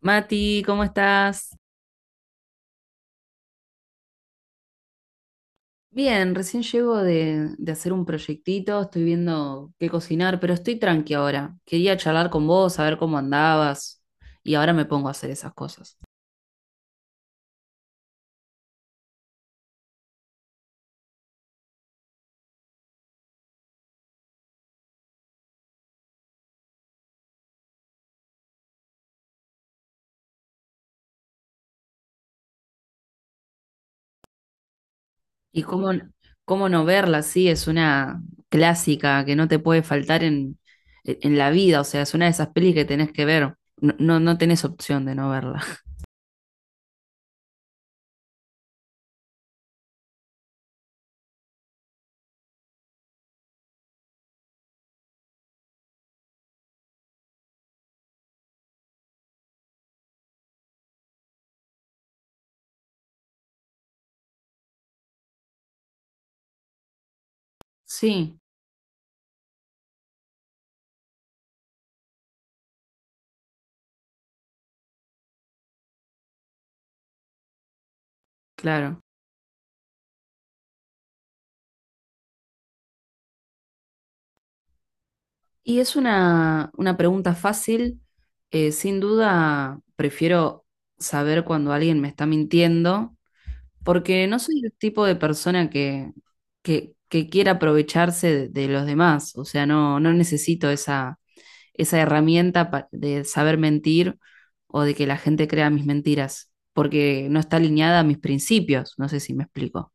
Mati, ¿cómo estás? Bien, recién llego de hacer un proyectito, estoy viendo qué cocinar, pero estoy tranqui ahora. Quería charlar con vos, saber cómo andabas, y ahora me pongo a hacer esas cosas. Y cómo, ¿Cómo no verla? Sí, es una clásica que no te puede faltar en la vida. O sea, es una de esas pelis que tenés que ver, no, no, no tenés opción de no verla. Sí, claro. Y es una pregunta fácil. Sin duda, prefiero saber cuando alguien me está mintiendo, porque no soy el tipo de persona que quiera aprovecharse de los demás. O sea, no, no necesito esa herramienta pa- de saber mentir o de que la gente crea mis mentiras, porque no está alineada a mis principios. No sé si me explico.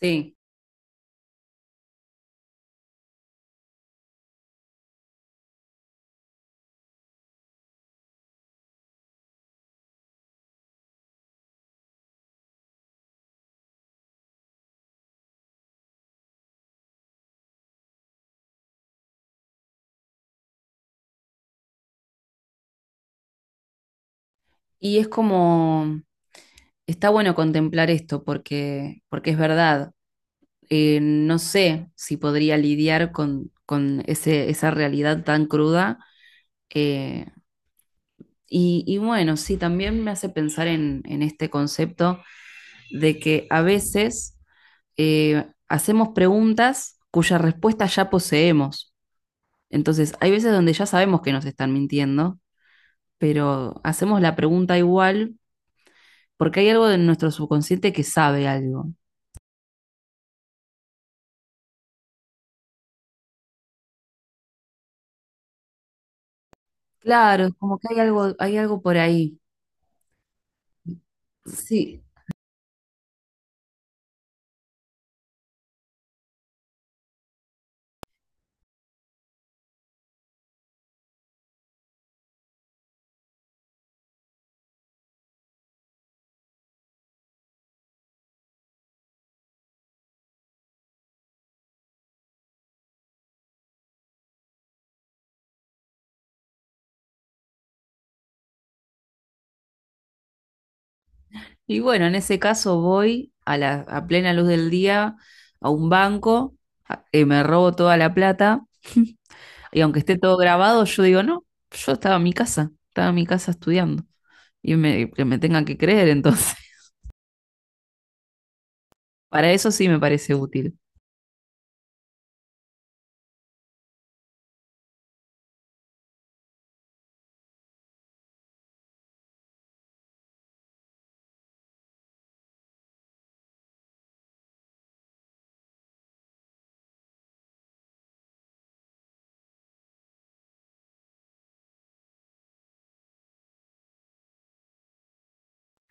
Sí, y es como, está bueno contemplar esto porque es verdad. No sé si podría lidiar con ese, esa realidad tan cruda. eh, y bueno, sí, también me hace pensar en este concepto de que a veces hacemos preguntas cuya respuesta ya poseemos. Entonces, hay veces donde ya sabemos que nos están mintiendo, pero hacemos la pregunta igual porque hay algo de nuestro subconsciente que sabe algo. Claro, es como que hay algo por ahí. Sí, y bueno, en ese caso voy a a plena luz del día a un banco, me robo toda la plata. Y aunque esté todo grabado, yo digo, no, yo estaba en mi casa, estaba en mi casa estudiando que me tengan que creer entonces. Para eso sí me parece útil.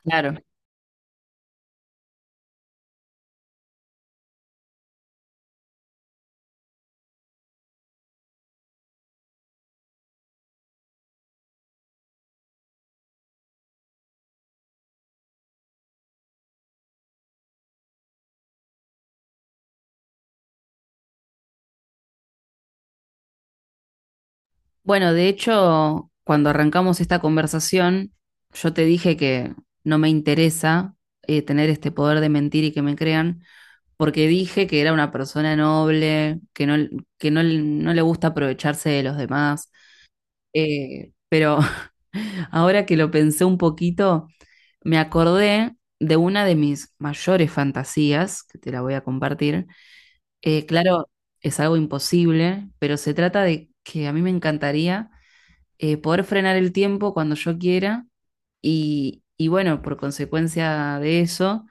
Claro. Bueno, de hecho, cuando arrancamos esta conversación, yo te dije que no me interesa tener este poder de mentir y que me crean, porque dije que era una persona noble, que no, no le gusta aprovecharse de los demás. Pero ahora que lo pensé un poquito, me acordé de una de mis mayores fantasías, que te la voy a compartir. Claro, es algo imposible, pero se trata de que a mí me encantaría poder frenar el tiempo cuando yo quiera. Y bueno, por consecuencia de eso,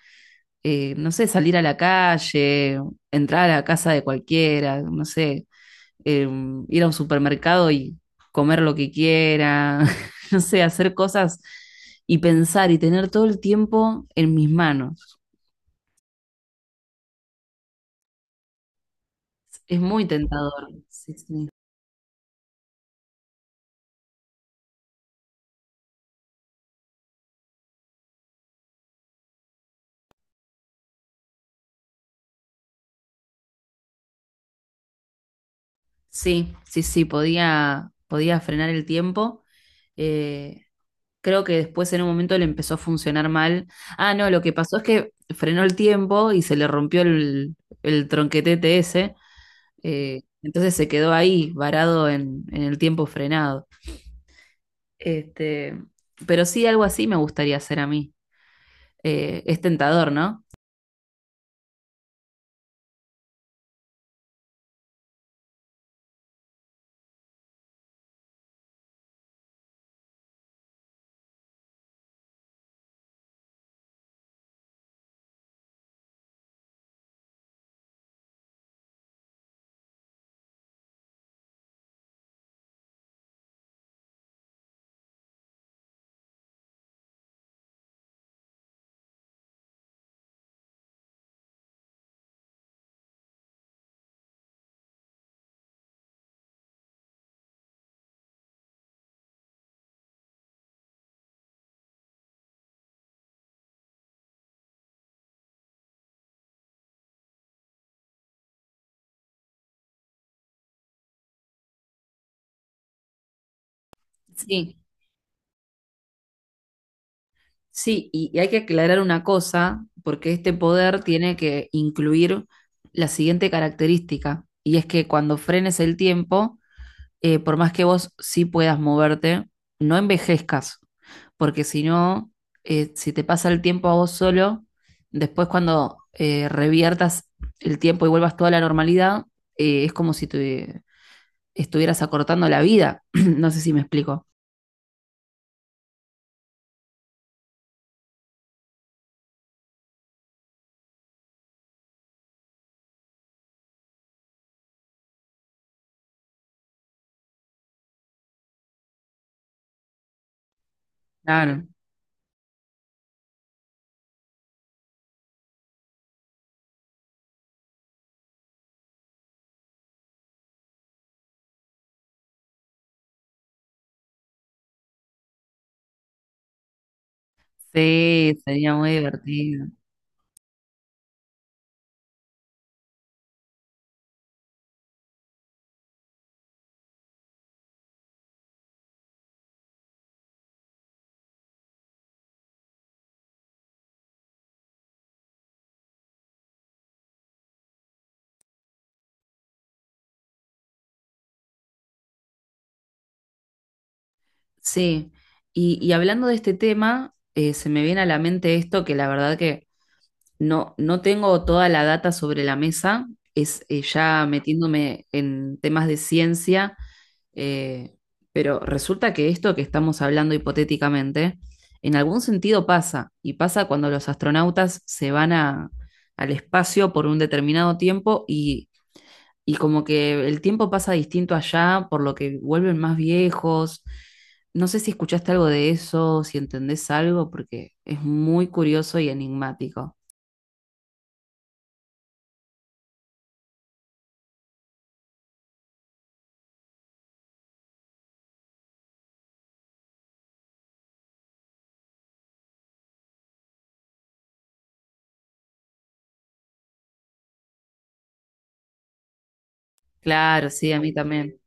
no sé, salir a la calle, entrar a la casa de cualquiera, no sé, eh, ir a un supermercado y comer lo que quiera, no sé, hacer cosas y pensar y tener todo el tiempo en mis manos. Es muy tentador. Sí, sí, sí, sí, sí, podía, podía frenar el tiempo. Eh, Creo que después en un momento le empezó a funcionar mal. Ah, no, lo que pasó es que frenó el tiempo y se le rompió el tronquetete ese. Entonces se quedó ahí, varado en el tiempo frenado. Este, pero sí, algo así me gustaría hacer a mí. Es tentador, ¿no? Sí, sí, y hay que aclarar una cosa, porque este poder tiene que incluir la siguiente característica, y es que cuando frenes el tiempo, por más que vos sí puedas moverte, no envejezcas, porque si no, si te pasa el tiempo a vos solo, después cuando reviertas el tiempo y vuelvas toda la normalidad, es como si te estuvieras acortando la vida. No sé si me explico. Claro, sí, sería muy divertido. Sí, y hablando de este tema, se me viene a la mente esto que la verdad que no, no tengo toda la data sobre la mesa. Es ya metiéndome en temas de ciencia, eh, pero resulta que esto que estamos hablando hipotéticamente, en algún sentido pasa, y pasa cuando los astronautas se van al espacio por un determinado tiempo y como que el tiempo pasa distinto allá, por lo que vuelven más viejos. No sé si escuchaste algo de eso, si entendés algo, porque es muy curioso y enigmático. Claro, sí, a mí también.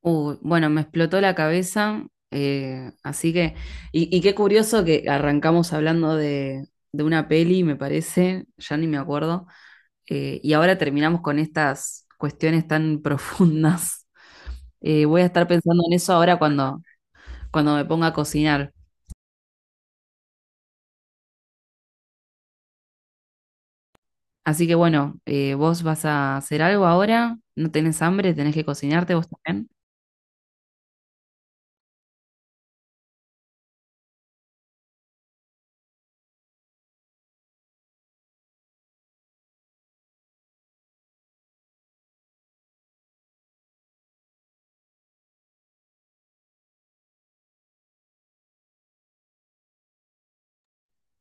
Uy, bueno, me explotó la cabeza, así que, y qué curioso que arrancamos hablando de una peli, me parece, ya ni me acuerdo, y ahora terminamos con estas cuestiones tan profundas. Voy a estar pensando en eso ahora cuando, cuando me ponga a cocinar. Así que bueno, ¿vos vas a hacer algo ahora? ¿No tenés hambre? ¿Tenés que cocinarte vos también?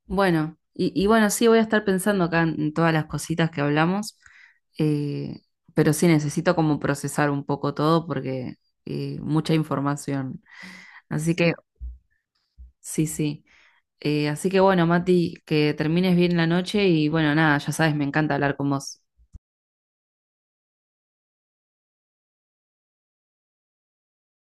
Bueno, y bueno, sí voy a estar pensando acá en todas las cositas que hablamos, eh, pero sí necesito como procesar un poco todo porque mucha información. Así que, sí, sí. Así que bueno, Mati, que termines bien la noche y bueno, nada, ya sabes, me encanta hablar con vos.